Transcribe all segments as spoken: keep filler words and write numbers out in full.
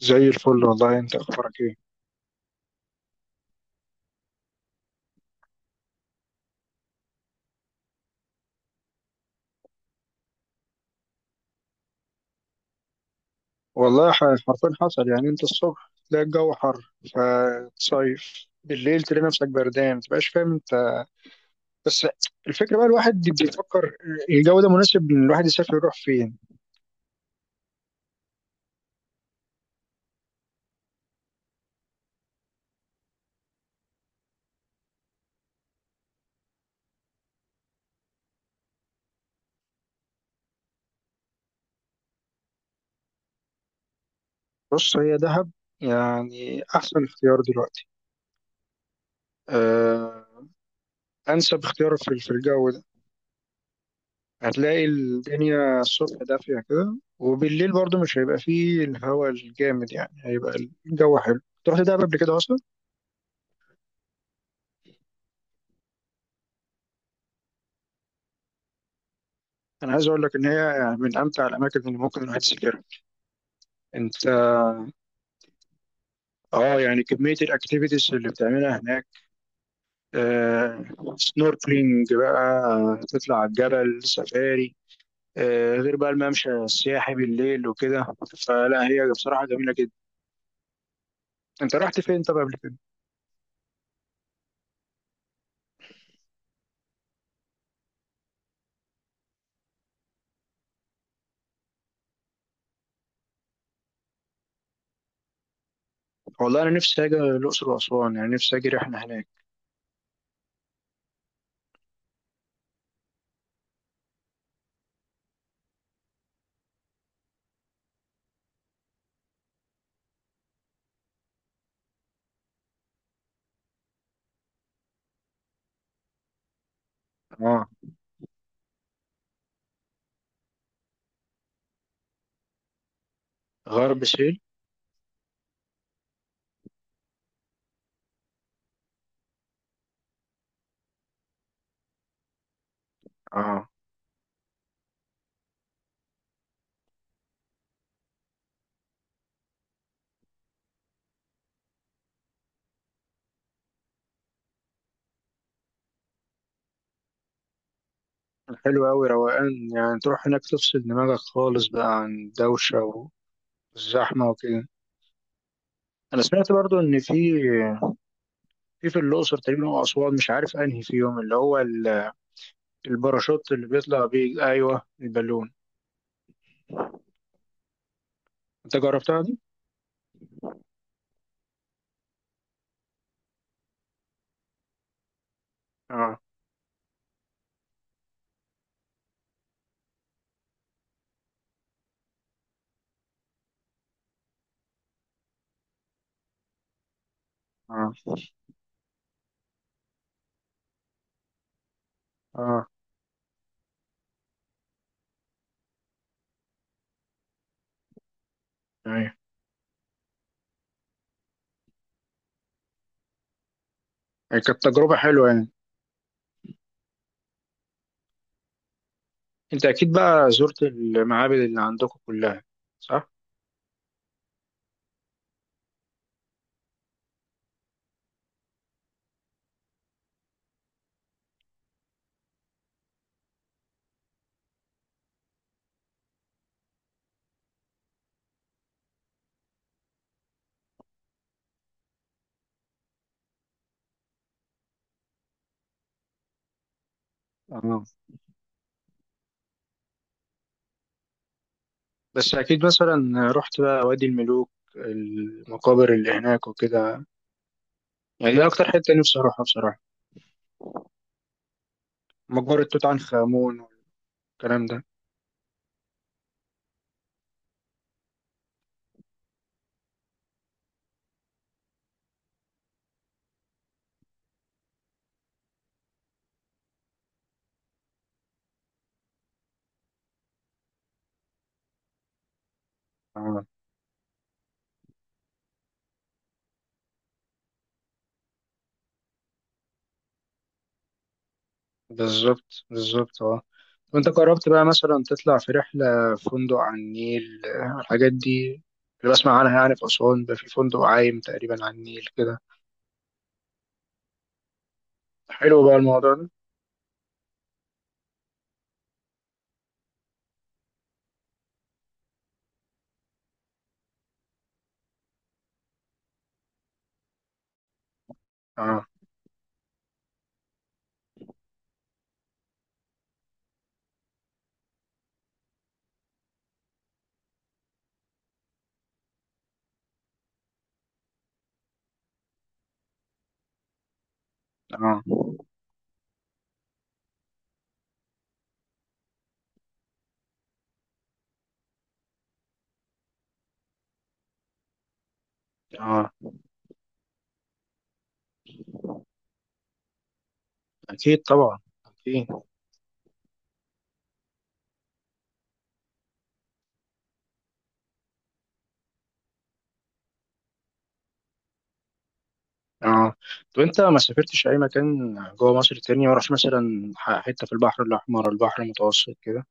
زي الفل والله، انت اخبارك ايه؟ والله ح- حرفيا حصل يعني. انت الصبح تلاقي الجو حر، فتصيف بالليل تلاقي نفسك بردان، متبقاش فاهم انت. بس الفكره بقى، الواحد بيفكر الجو ده مناسب ان الواحد يسافر، يروح فين؟ بص، هي دهب يعني احسن اختيار دلوقتي. أه، انسب اختيار في في الجو ده. هتلاقي الدنيا الصبح دافيه كده، وبالليل برضو مش هيبقى فيه الهواء الجامد، يعني هيبقى الجو حلو. رحت دهب قبل كده اصلا؟ انا عايز اقول لك ان هي يعني من امتع الاماكن اللي ممكن الواحد يسافرها. انت، اه، يعني كميه الاكتيفيتيز اللي بتعملها هناك. آه، سنوركلينج بقى، تطلع على الجبل سفاري. آه، غير بقى الممشى السياحي بالليل وكده. فلا، هي بصراحه جميله جدا. انت رحت فين طب قبل كده؟ والله انا نفسي اجي الاقصر واسوان، يعني نفسي اجي رحله هناك. اه، غرب سهيل، اه. حلو قوي، روقان يعني، تروح هناك تفصل دماغك خالص بقى عن الدوشه والزحمه وكده. انا سمعت برضو ان في في في الاقصر تقريبا او اسوان، مش عارف انهي فيهم، اللي هو ال- الباراشوت اللي بيطلع بيه، ايوه البالون. انت جربتها دي؟ اه، اه، اه، ايوه، يعني كانت تجربه حلوه يعني. انت اكيد بقى زرت المعابد اللي عندكم كلها، صح؟ اه. بس اكيد مثلا رحت بقى وادي الملوك، المقابر اللي هناك وكده. يعني دي اكتر حته نفسي اروحها بصراحه. مقبره توت عنخ امون والكلام ده. بالظبط، بالظبط، اه. وانت قربت بقى مثلا تطلع في رحلة في فندق على النيل، آه، الحاجات دي اللي بسمع عنها، يعني في أسوان ده في فندق عايم تقريبا على النيل كده. حلو بقى الموضوع ده. اه، اه، اه، أكيد طبعا أكيد، اه. طب أنت ما سافرتش أي مكان جوه مصر تاني؟ ما رحتش مثلا ح- حتة في البحر الأحمر، البحر المتوسط كده؟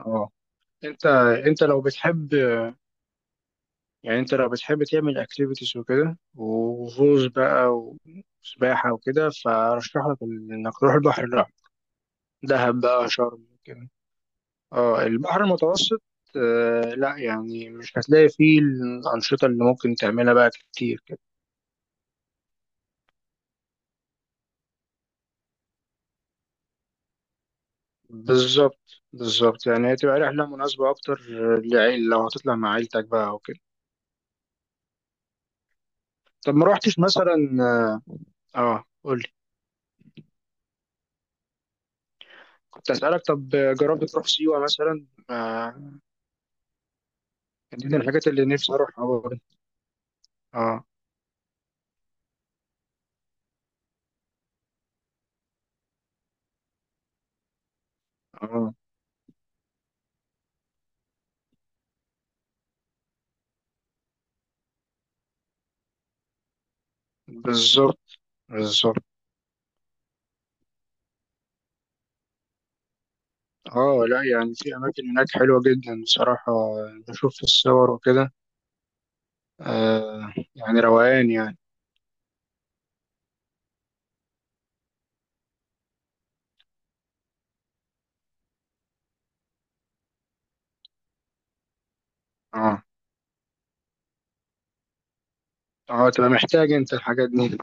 اه. أنت أنت لو بتحب، يعني انت لو بتحب تعمل اكتيفيتيز وكده وغوص بقى وسباحة وكده، فرشح لك ال- انك تروح البحر الاحمر، دهب بقى، شرم كده. اه، البحر المتوسط. آه لا، يعني مش هتلاقي فيه الأنشطة اللي ممكن تعملها بقى كتير كده. بالظبط، بالظبط، يعني هتبقى رحلة مناسبة أكتر لعيل، لو هتطلع مع عيلتك بقى وكده. طب ما روحتش مثلا، اه قولي، كنت أسألك طب، جربت تروح سيوة مثلا؟ آه، دي من الحاجات اللي نفسي أروحها برضه. اه، اه، بالظبط، بالظبط، اه. لا يعني في اماكن هناك حلوه جدا بصراحه، بشوف في الصور وكده. آه، يعني روقان يعني. اه، اه، تبقى محتاج انت الحاجات دي.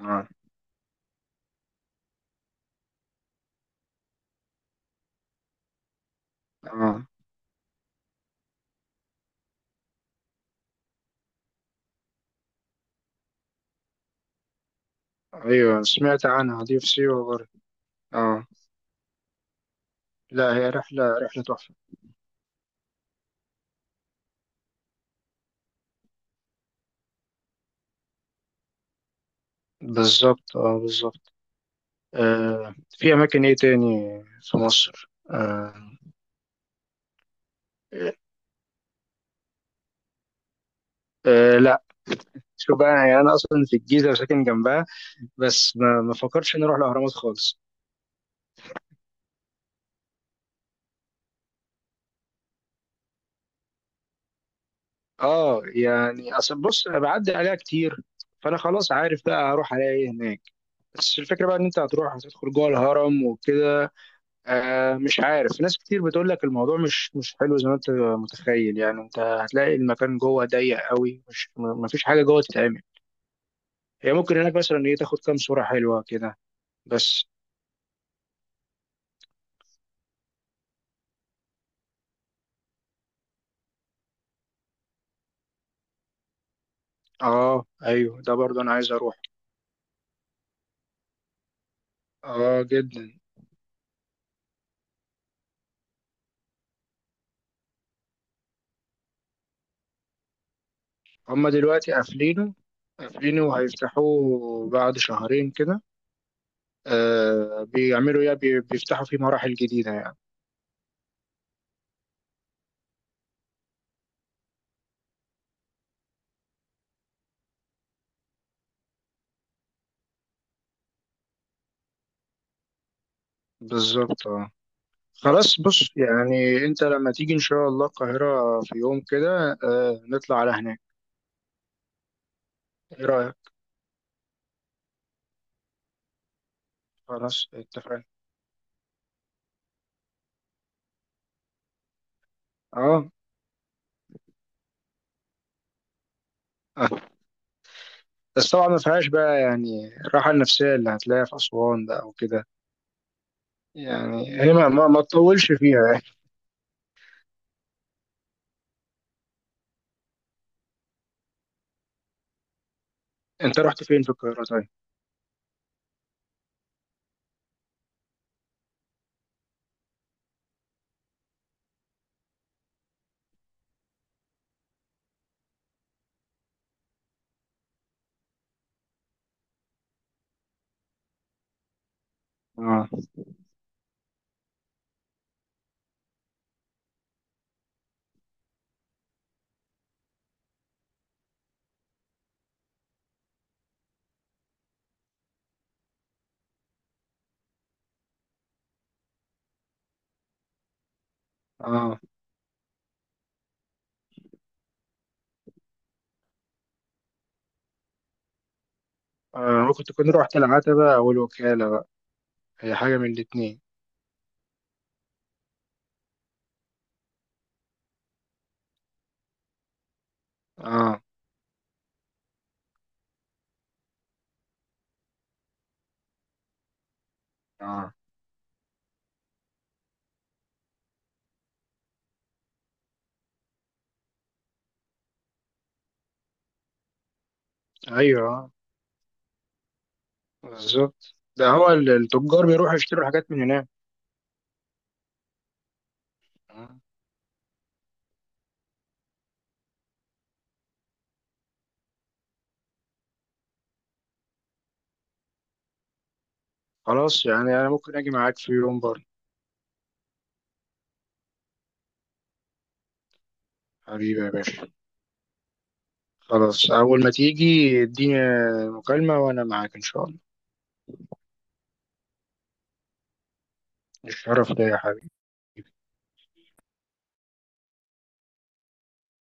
اه، اه، ايوه، سمعت عنها دي في سيوه برضه. اه لا، هي رحله رحله تحفه. بالظبط، اه، بالظبط. آه، في اماكن ايه تاني في مصر؟ آه. آه لا، شوف بقى، يعني انا اصلا في الجيزه وساكن جنبها، بس ما ما فكرتش اني اروح الاهرامات خالص. اه، يعني اصل بص، انا بعدي عليها كتير، فانا خلاص عارف بقى هروح على ايه هناك. بس الفكره بقى ان انت هتروح هتدخل جوه الهرم وكده؟ آه مش عارف، ناس كتير بتقول لك الموضوع مش مش حلو زي ما انت متخيل، يعني انت هتلاقي المكان جوه ضيق قوي، مش ما فيش حاجه جوه تتعمل. هي ممكن هناك مثلا ايه، تاخد كام صوره حلوه كده بس. اه، ايوه ده برضه انا عايز اروح. اه، جدا. هما دلوقتي قافلينه، قافلينه وهيفتحوه بعد شهرين كده. آه، بيعملوا ايه، بي- بيفتحوا فيه مراحل جديدة يعني. بالظبط، اه. خلاص بص، يعني انت لما تيجي ان شاء الله القاهرة في يوم كده، آه نطلع على هناك. ايه رأيك؟ خلاص، اتفقنا. اه، آه. بس طبعا ما فيهاش بقى يعني الراحة النفسية اللي هتلاقيها في أسوان بقى وكده، يعني هي ما, ما, ما تطولش فيها يعني. انت رحت فين في القاهرة طيب؟ اه، اه. آه، ممكن تكون رحت العتبة أو الوكالة بقى. هي حاجة من الاتنين. اه، اه، ايوه بالظبط، ده هو ال- التجار بيروحوا يشتروا الحاجات من هناك. آه. خلاص، يعني انا ممكن اجي معاك في يوم برضه. حبيبي يا باشا. خلاص، اول ما تيجي اديني مكالمة، وانا معاك ان شاء الله. الشرف ده يا حبيبي.